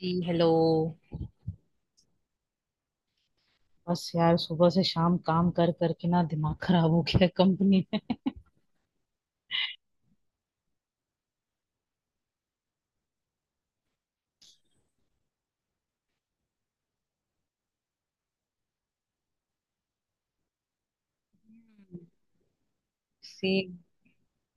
जी hello. बस यार सुबह से शाम काम कर करके ना दिमाग खराब हो गया कंपनी में। सेम।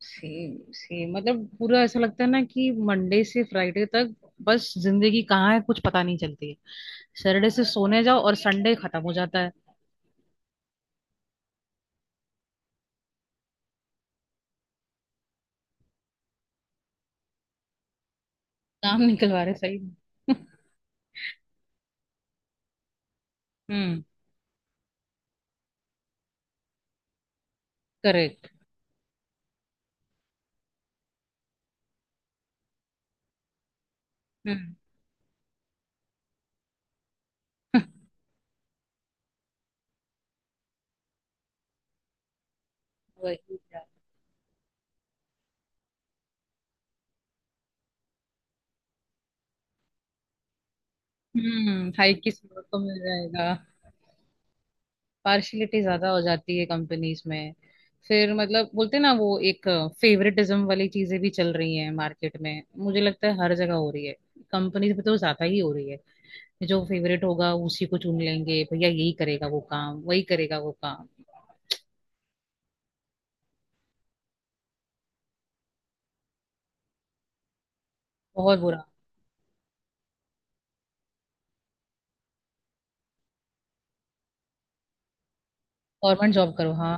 सेम, सेम, मतलब पूरा ऐसा लगता है ना कि मंडे से फ्राइडे तक बस जिंदगी कहाँ है कुछ पता नहीं चलती है। सैटरडे से सोने जाओ और संडे खत्म हो जाता है। काम निकलवा रहे सही में। हम्म। करेक्ट। हम्म। वही। हम्म, हाइक की सुबह को मिल जाएगा। पार्शियलिटी ज्यादा हो जाती है कंपनीज में। फिर मतलब बोलते हैं ना वो एक फेवरेटिज्म वाली चीजें भी चल रही हैं मार्केट में, मुझे लगता है हर जगह हो रही है। कंपनीज में तो ज्यादा ही हो रही है। जो फेवरेट होगा उसी को चुन लेंगे, भैया यही करेगा वो काम, वही करेगा वो काम। बहुत बुरा। गवर्नमेंट जॉब करो, हाँ।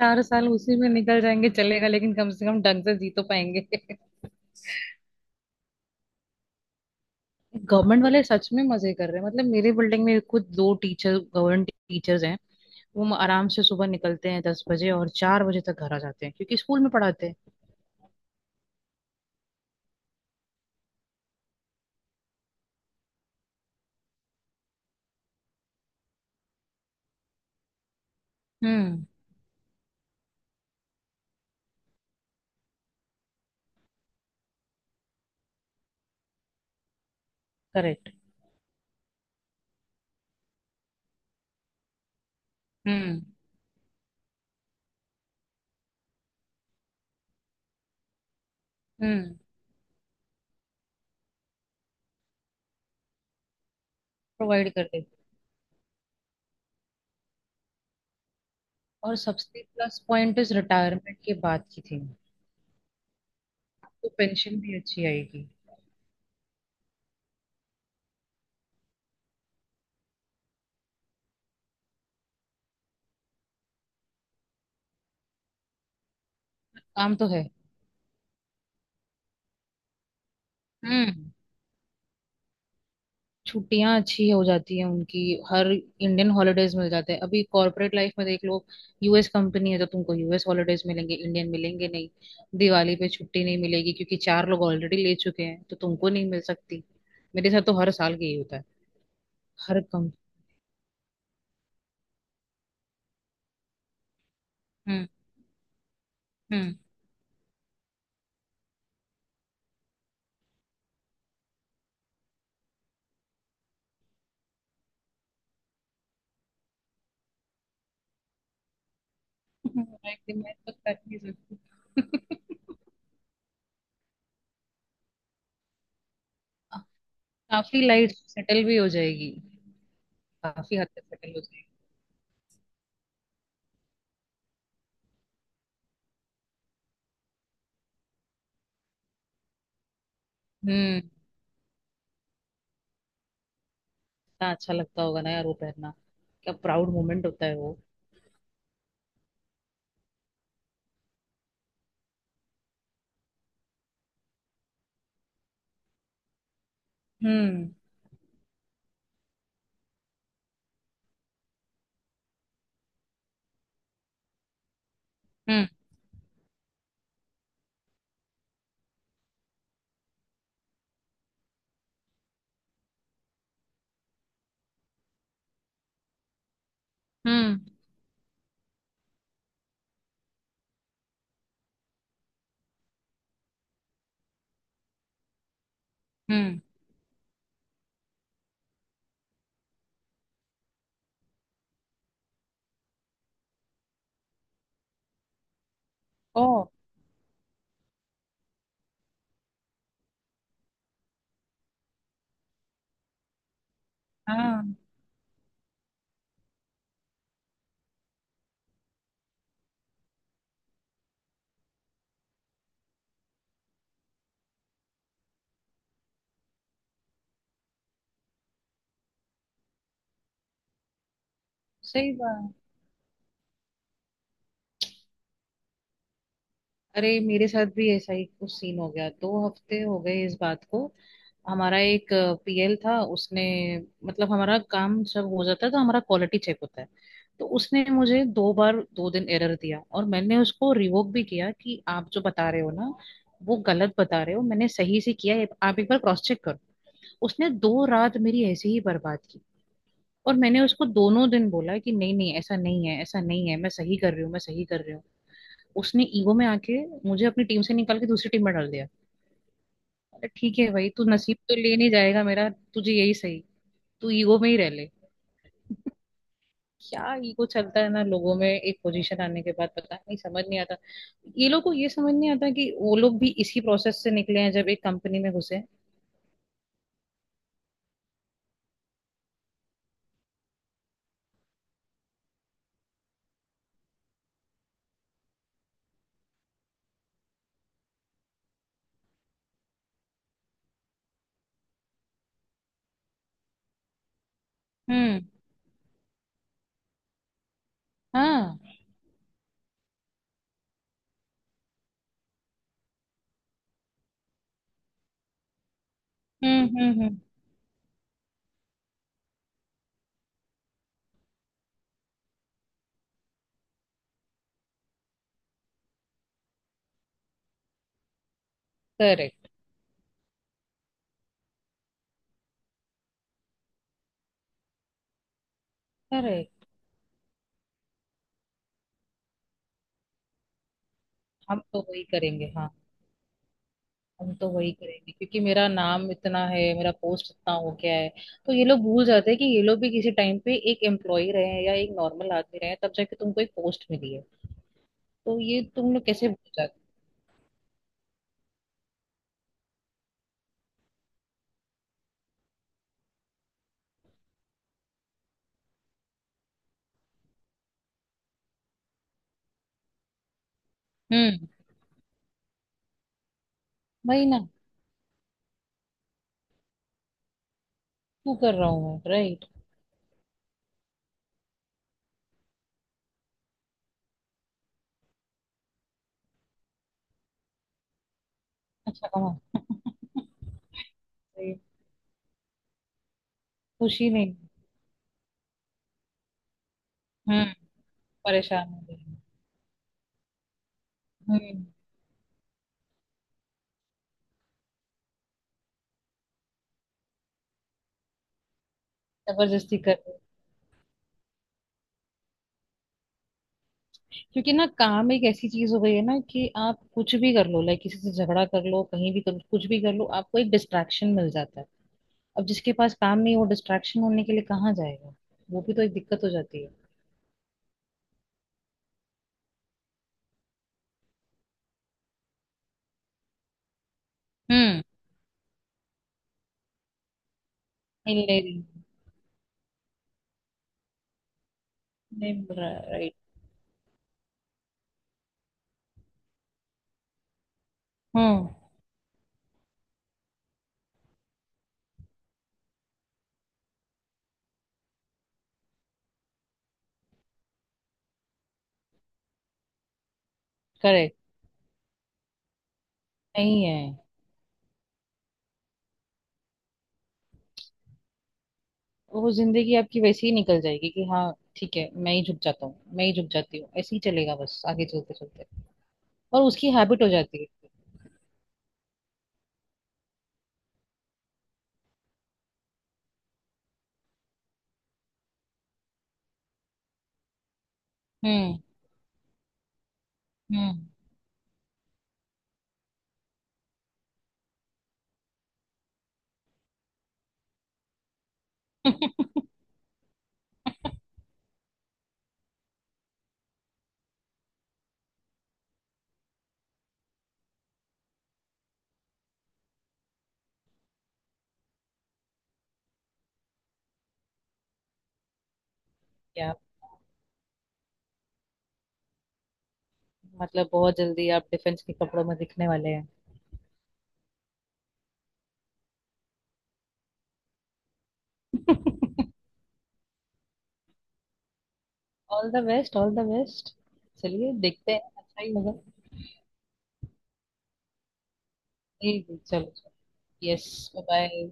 4 साल उसी में निकल जाएंगे चलेगा, लेकिन कम से कम ढंग से जी तो पाएंगे। गवर्नमेंट वाले सच में मजे कर रहे हैं, मतलब मेरे बिल्डिंग में खुद दो टीचर गवर्नमेंट टीचर्स हैं। वो आराम से सुबह निकलते हैं 10 बजे और 4 बजे तक घर आ जाते हैं क्योंकि स्कूल में पढ़ाते हैं। हम्म। करेक्ट। हम्म। हम्म। प्रोवाइड करते हैं। और सबसे प्लस पॉइंट इस रिटायरमेंट के बाद की थी। तो पेंशन भी अच्छी आएगी। काम तो है। हम्म। छुट्टियां अच्छी हो जाती है उनकी। हर इंडियन हॉलीडेज मिल जाते हैं, अभी कॉर्पोरेट लाइफ में देख लो। यूएस कंपनी है तो तुमको यूएस हॉलीडेज मिलेंगे, इंडियन मिलेंगे नहीं। दिवाली पे छुट्टी नहीं मिलेगी क्योंकि चार लोग ऑलरेडी ले चुके हैं तो तुमको नहीं मिल सकती। मेरे साथ तो हर साल यही होता है। हर कम हम्म। हम्म। मैं तो कर नहीं सकती काफी लाइफ सेटल भी हो जाएगी। काफी हद तक सेटल हो जाएगी। हम्म। इतना अच्छा लगता होगा ना यार वो पहनना। क्या प्राउड मोमेंट होता है वो। हम्म। हम्म। हम्म। हम्म। ओ। हाँ। सही बात। अरे मेरे साथ भी ऐसा ही कुछ सीन हो गया, 2 हफ्ते हो गए इस बात को। हमारा एक पीएल था उसने, मतलब हमारा काम सब हो जाता है तो हमारा क्वालिटी चेक होता है। तो उसने मुझे 2 बार 2 दिन एरर दिया और मैंने उसको रिवोक भी किया कि आप जो बता रहे हो ना वो गलत बता रहे हो, मैंने सही से किया है, आप एक बार क्रॉस चेक करो। उसने 2 रात मेरी ऐसे ही बर्बाद की। और मैंने उसको दोनों दिन बोला कि नहीं, नहीं, ऐसा नहीं है, ऐसा नहीं है, मैं सही कर रही हूँ, मैं सही कर रही हूँ। उसने ईगो में आके मुझे अपनी टीम से निकाल के दूसरी टीम में डाल दिया। अरे ठीक है भाई, तू नसीब तो ले नहीं जाएगा मेरा। तुझे यही सही। तू ईगो में ही रह ले। क्या ईगो चलता है ना लोगों में एक पोजीशन आने के बाद, पता नहीं समझ नहीं आता। ये लोग को ये समझ नहीं आता कि वो लोग भी इसी प्रोसेस से निकले हैं जब एक कंपनी में घुसे। हम्म। हाँ। हम्म। हम्म। हम्म। करेक्ट। करेक्ट। हम तो वही करेंगे, हाँ। हम तो वही करेंगे क्योंकि मेरा नाम इतना है, मेरा पोस्ट इतना हो गया है। तो ये लोग भूल जाते हैं कि ये लोग भी किसी टाइम पे एक एम्प्लॉय रहे हैं या एक नॉर्मल आदमी रहे हैं तब जाके तुमको एक पोस्ट मिली है। तो ये तुम लोग कैसे भूल जाते। हम्म। वही ना। तू कर रहा हूँ मैं, राइट। अच्छा कमा रही हूँ। खुशी नहीं। हम्म। परेशान हो गई हूँ। हम्म। जबरदस्ती कर रहे हो। क्योंकि ना काम एक ऐसी चीज हो गई है ना कि आप कुछ भी कर लो, लाइक किसी से झगड़ा कर लो, कहीं भी कर लो, कुछ भी कर लो, आपको एक डिस्ट्रैक्शन मिल जाता है। अब जिसके पास काम नहीं वो डिस्ट्रैक्शन होने के लिए कहाँ जाएगा। वो भी तो एक दिक्कत हो जाती है। हम्म। इंजीनियरिंग। नहीं। राइट। हम्म। करेक्ट। नहीं है। वो जिंदगी आपकी वैसे ही निकल जाएगी कि हाँ ठीक है, मैं ही झुक जाता हूँ, मैं ही झुक जाती हूँ, ऐसे ही चलेगा बस आगे चलते चलते। और उसकी हैबिट हो जाती है। हम्म। हम्म। क्या। मतलब बहुत जल्दी आप डिफेंस के कपड़ों में दिखने वाले हैं। All the best, all the best. चलिए देखते हैं, अच्छा ही होगा। ठीक है, चलो, चलो। यस। बाय।